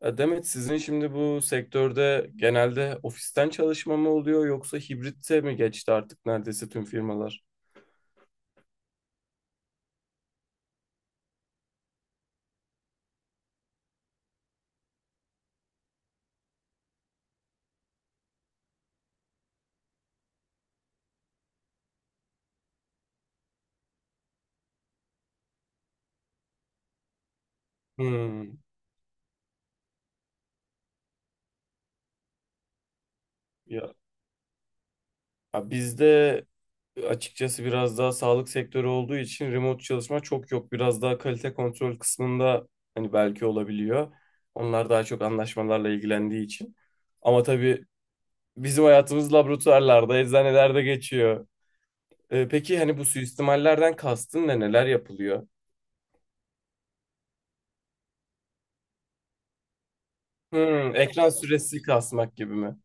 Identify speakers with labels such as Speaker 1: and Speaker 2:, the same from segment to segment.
Speaker 1: Demet, sizin şimdi bu sektörde genelde ofisten çalışma mı oluyor yoksa hibrite mi geçti artık neredeyse tüm firmalar? Hmm. Ya, ya bizde açıkçası biraz daha sağlık sektörü olduğu için remote çalışma çok yok. Biraz daha kalite kontrol kısmında hani belki olabiliyor. Onlar daha çok anlaşmalarla ilgilendiği için. Ama tabii bizim hayatımız laboratuvarlarda, eczanelerde geçiyor. Peki hani bu suistimallerden kastın ne? Neler yapılıyor? Hmm, ekran süresi kasmak gibi mi?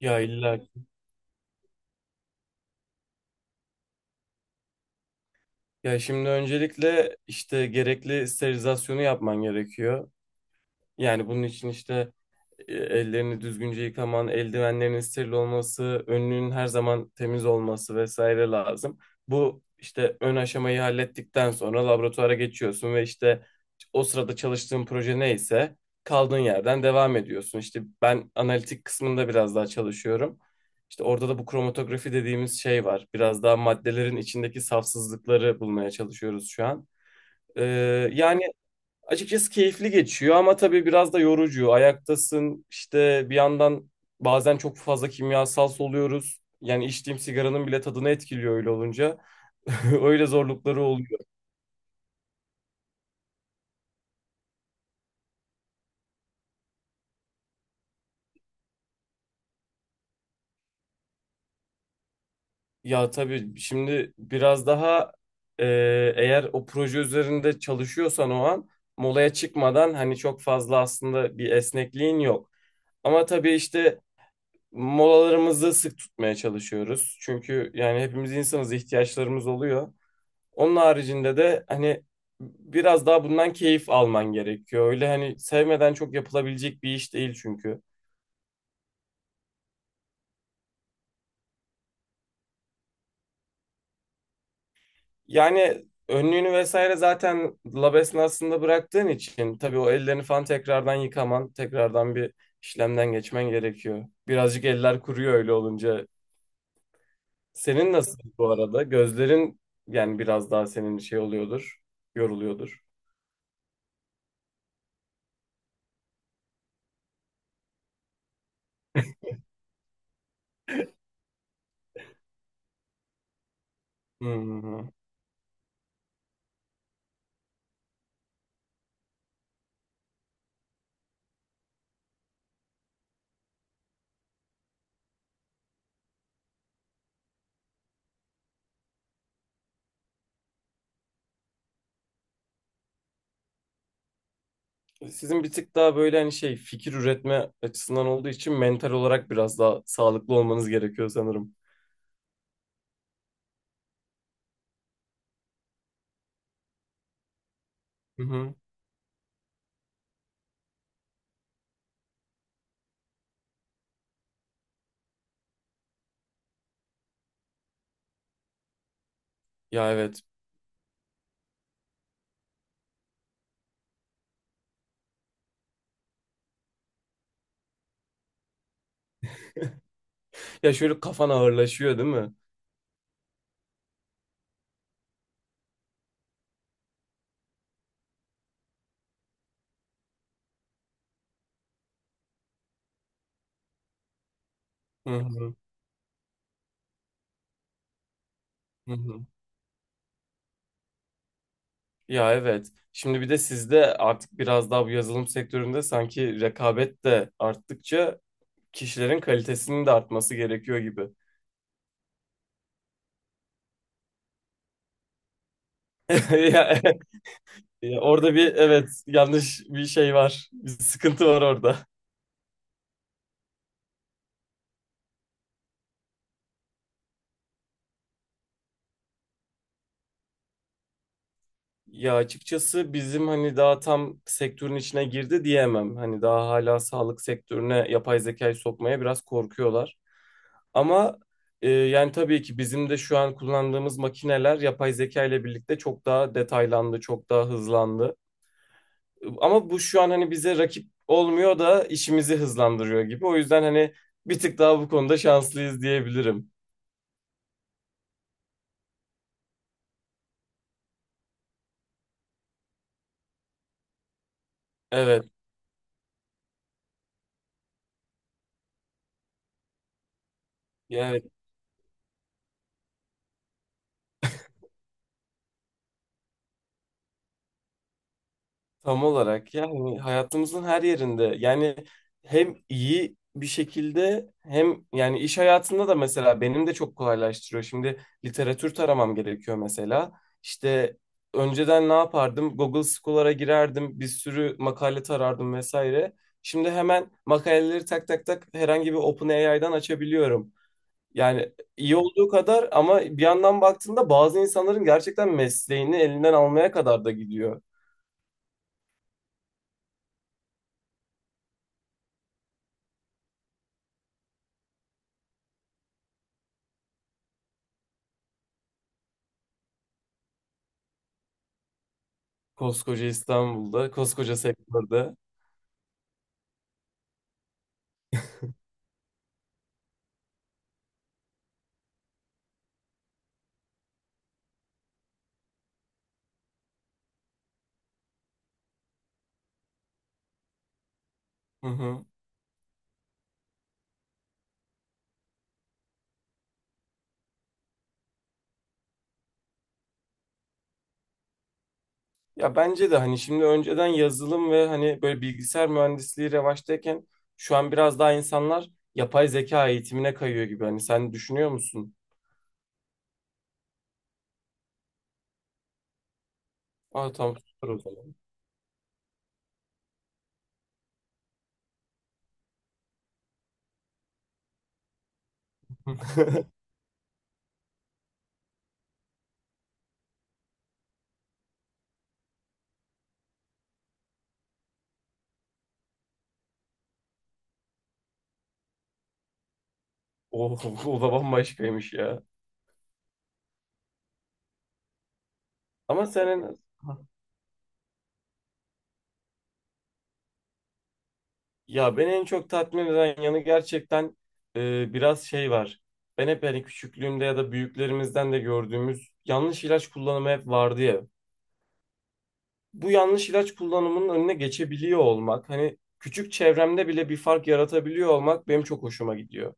Speaker 1: Ya illa. Ya şimdi öncelikle işte gerekli sterilizasyonu yapman gerekiyor. Yani bunun için işte ellerini düzgünce yıkaman, eldivenlerin steril olması, önlüğün her zaman temiz olması vesaire lazım. Bu işte ön aşamayı hallettikten sonra laboratuvara geçiyorsun ve işte o sırada çalıştığın proje neyse kaldığın yerden devam ediyorsun. İşte ben analitik kısmında biraz daha çalışıyorum. İşte orada da bu kromatografi dediğimiz şey var. Biraz daha maddelerin içindeki safsızlıkları bulmaya çalışıyoruz şu an. Ee, yani Açıkçası keyifli geçiyor ama tabii biraz da yorucu. Ayaktasın işte bir yandan bazen çok fazla kimyasal soluyoruz. Yani içtiğim sigaranın bile tadını etkiliyor öyle olunca. Öyle zorlukları oluyor. Ya tabii şimdi biraz daha e, eğer o proje üzerinde çalışıyorsan o an molaya çıkmadan hani çok fazla aslında bir esnekliğin yok. Ama tabii işte molalarımızı sık tutmaya çalışıyoruz. Çünkü yani hepimiz insanız, ihtiyaçlarımız oluyor. Onun haricinde de hani biraz daha bundan keyif alman gerekiyor. Öyle hani sevmeden çok yapılabilecek bir iş değil çünkü. Yani önlüğünü vesaire zaten lab esnasında bıraktığın için tabii o ellerini falan tekrardan yıkaman, tekrardan bir işlemden geçmen gerekiyor. Birazcık eller kuruyor öyle olunca. Senin nasıl bu arada? Gözlerin yani biraz daha senin şey oluyordur, yoruluyordur. Hı hı. Sizin bir tık daha böyle hani şey fikir üretme açısından olduğu için mental olarak biraz daha sağlıklı olmanız gerekiyor sanırım. Hı hı. Ya evet. Ya şöyle kafan ağırlaşıyor değil mi? Hı hı. Hı hı. Ya evet. Şimdi bir de sizde artık biraz daha bu yazılım sektöründe sanki rekabet de arttıkça kişilerin kalitesinin de artması gerekiyor gibi. Ya orada bir evet yanlış bir şey var. Bir sıkıntı var orada. Ya açıkçası bizim hani daha tam sektörün içine girdi diyemem. Hani daha hala sağlık sektörüne yapay zekayı sokmaya biraz korkuyorlar. Ama yani tabii ki bizim de şu an kullandığımız makineler yapay zeka ile birlikte çok daha detaylandı, çok daha hızlandı. Ama bu şu an hani bize rakip olmuyor da işimizi hızlandırıyor gibi. O yüzden hani bir tık daha bu konuda şanslıyız diyebilirim. Evet, evet. Tam olarak yani hayatımızın her yerinde, yani hem iyi bir şekilde hem yani iş hayatında da mesela benim de çok kolaylaştırıyor. Şimdi literatür taramam gerekiyor mesela. İşte önceden ne yapardım? Google Scholar'a girerdim, bir sürü makale tarardım vesaire. Şimdi hemen makaleleri tak tak tak herhangi bir OpenAI'dan açabiliyorum. Yani iyi olduğu kadar ama bir yandan baktığında bazı insanların gerçekten mesleğini elinden almaya kadar da gidiyor. Koskoca İstanbul'da, koskoca sektörde. Hı hı. Ya bence de hani şimdi önceden yazılım ve hani böyle bilgisayar mühendisliği revaçtayken şu an biraz daha insanlar yapay zeka eğitimine kayıyor gibi. Hani sen düşünüyor musun? Aa tamam, süper o zaman. O, o da bambaşkaymış ya. Ama senin ya beni en çok tatmin eden yanı gerçekten biraz şey var. Ben hep hani küçüklüğümde ya da büyüklerimizden de gördüğümüz yanlış ilaç kullanımı hep vardı ya. Bu yanlış ilaç kullanımının önüne geçebiliyor olmak, hani küçük çevremde bile bir fark yaratabiliyor olmak benim çok hoşuma gidiyor.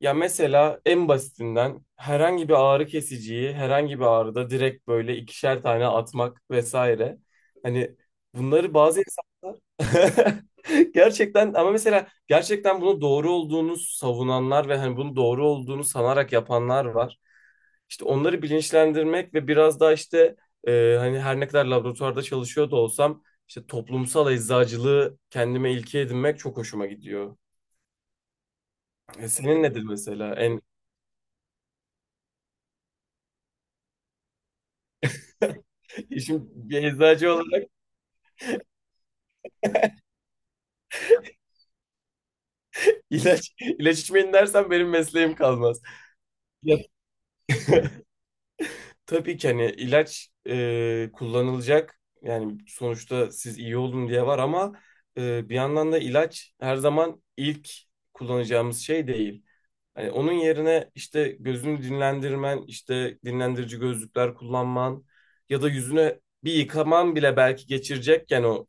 Speaker 1: Ya mesela en basitinden herhangi bir ağrı kesiciyi herhangi bir ağrıda direkt böyle ikişer tane atmak vesaire. Hani bunları bazı insanlar gerçekten ama mesela gerçekten bunu doğru olduğunu savunanlar ve hani bunu doğru olduğunu sanarak yapanlar var. İşte onları bilinçlendirmek ve biraz daha işte hani her ne kadar laboratuvarda çalışıyor da olsam işte toplumsal eczacılığı kendime ilke edinmek çok hoşuma gidiyor. Senin nedir mesela? En işim bir eczacı olarak ilaç ilaç içmeyin dersen benim mesleğim kalmaz. Ya, tabii ki hani ilaç kullanılacak. Yani sonuçta siz iyi olun diye var ama bir yandan da ilaç her zaman ilk kullanacağımız şey değil. Hani onun yerine işte gözünü dinlendirmen, işte dinlendirici gözlükler kullanman ya da yüzüne bir yıkaman bile belki geçirecekken o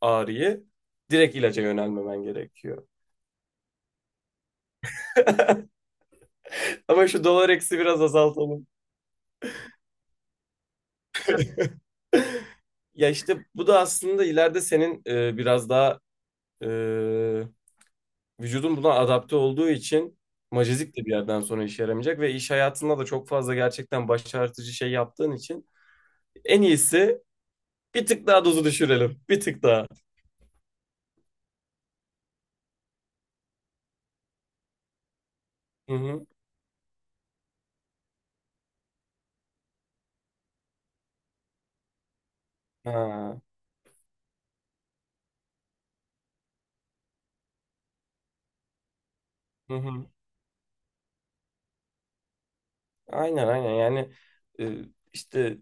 Speaker 1: ağrıyı direkt ilaca yönelmemen gerekiyor. Ama şu dolar eksi biraz azaltalım. Ya işte bu da aslında ileride senin biraz daha e, vücudun buna adapte olduğu için majezik de bir yerden sonra işe yaramayacak ve iş hayatında da çok fazla gerçekten başartıcı şey yaptığın için en iyisi bir tık daha dozu düşürelim. Bir tık daha. Hı hı. Ha. Hı hı. Aynen yani e, işte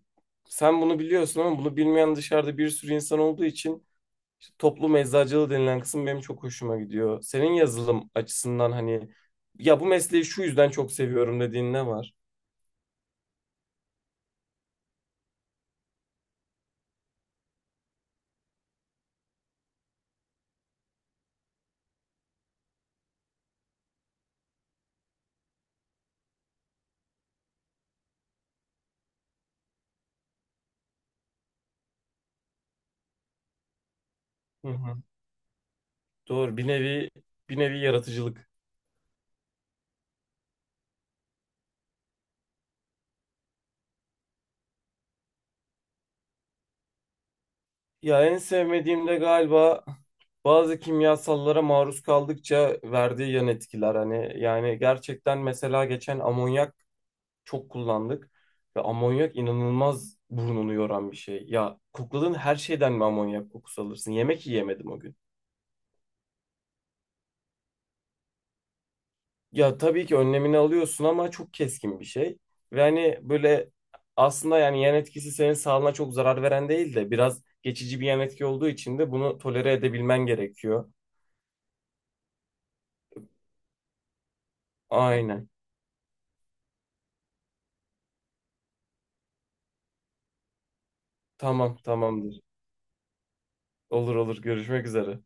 Speaker 1: sen bunu biliyorsun ama bunu bilmeyen dışarıda bir sürü insan olduğu için işte toplum eczacılığı denilen kısım benim çok hoşuma gidiyor. Senin yazılım açısından hani ya bu mesleği şu yüzden çok seviyorum dediğin ne var? Hı hı. Doğru, bir nevi yaratıcılık. Ya en sevmediğim de galiba bazı kimyasallara maruz kaldıkça verdiği yan etkiler. Hani yani gerçekten mesela geçen amonyak çok kullandık ve amonyak inanılmaz burnunu yoran bir şey. Ya kokladığın her şeyden mi amonyak kokusu alırsın? Yemek yiyemedim o gün. Ya tabii ki önlemini alıyorsun ama çok keskin bir şey. Ve hani böyle aslında yani yan etkisi senin sağlığına çok zarar veren değil de biraz geçici bir yan etki olduğu için de bunu tolere edebilmen gerekiyor. Aynen. Tamam, tamamdır. Olur olur. Görüşmek üzere.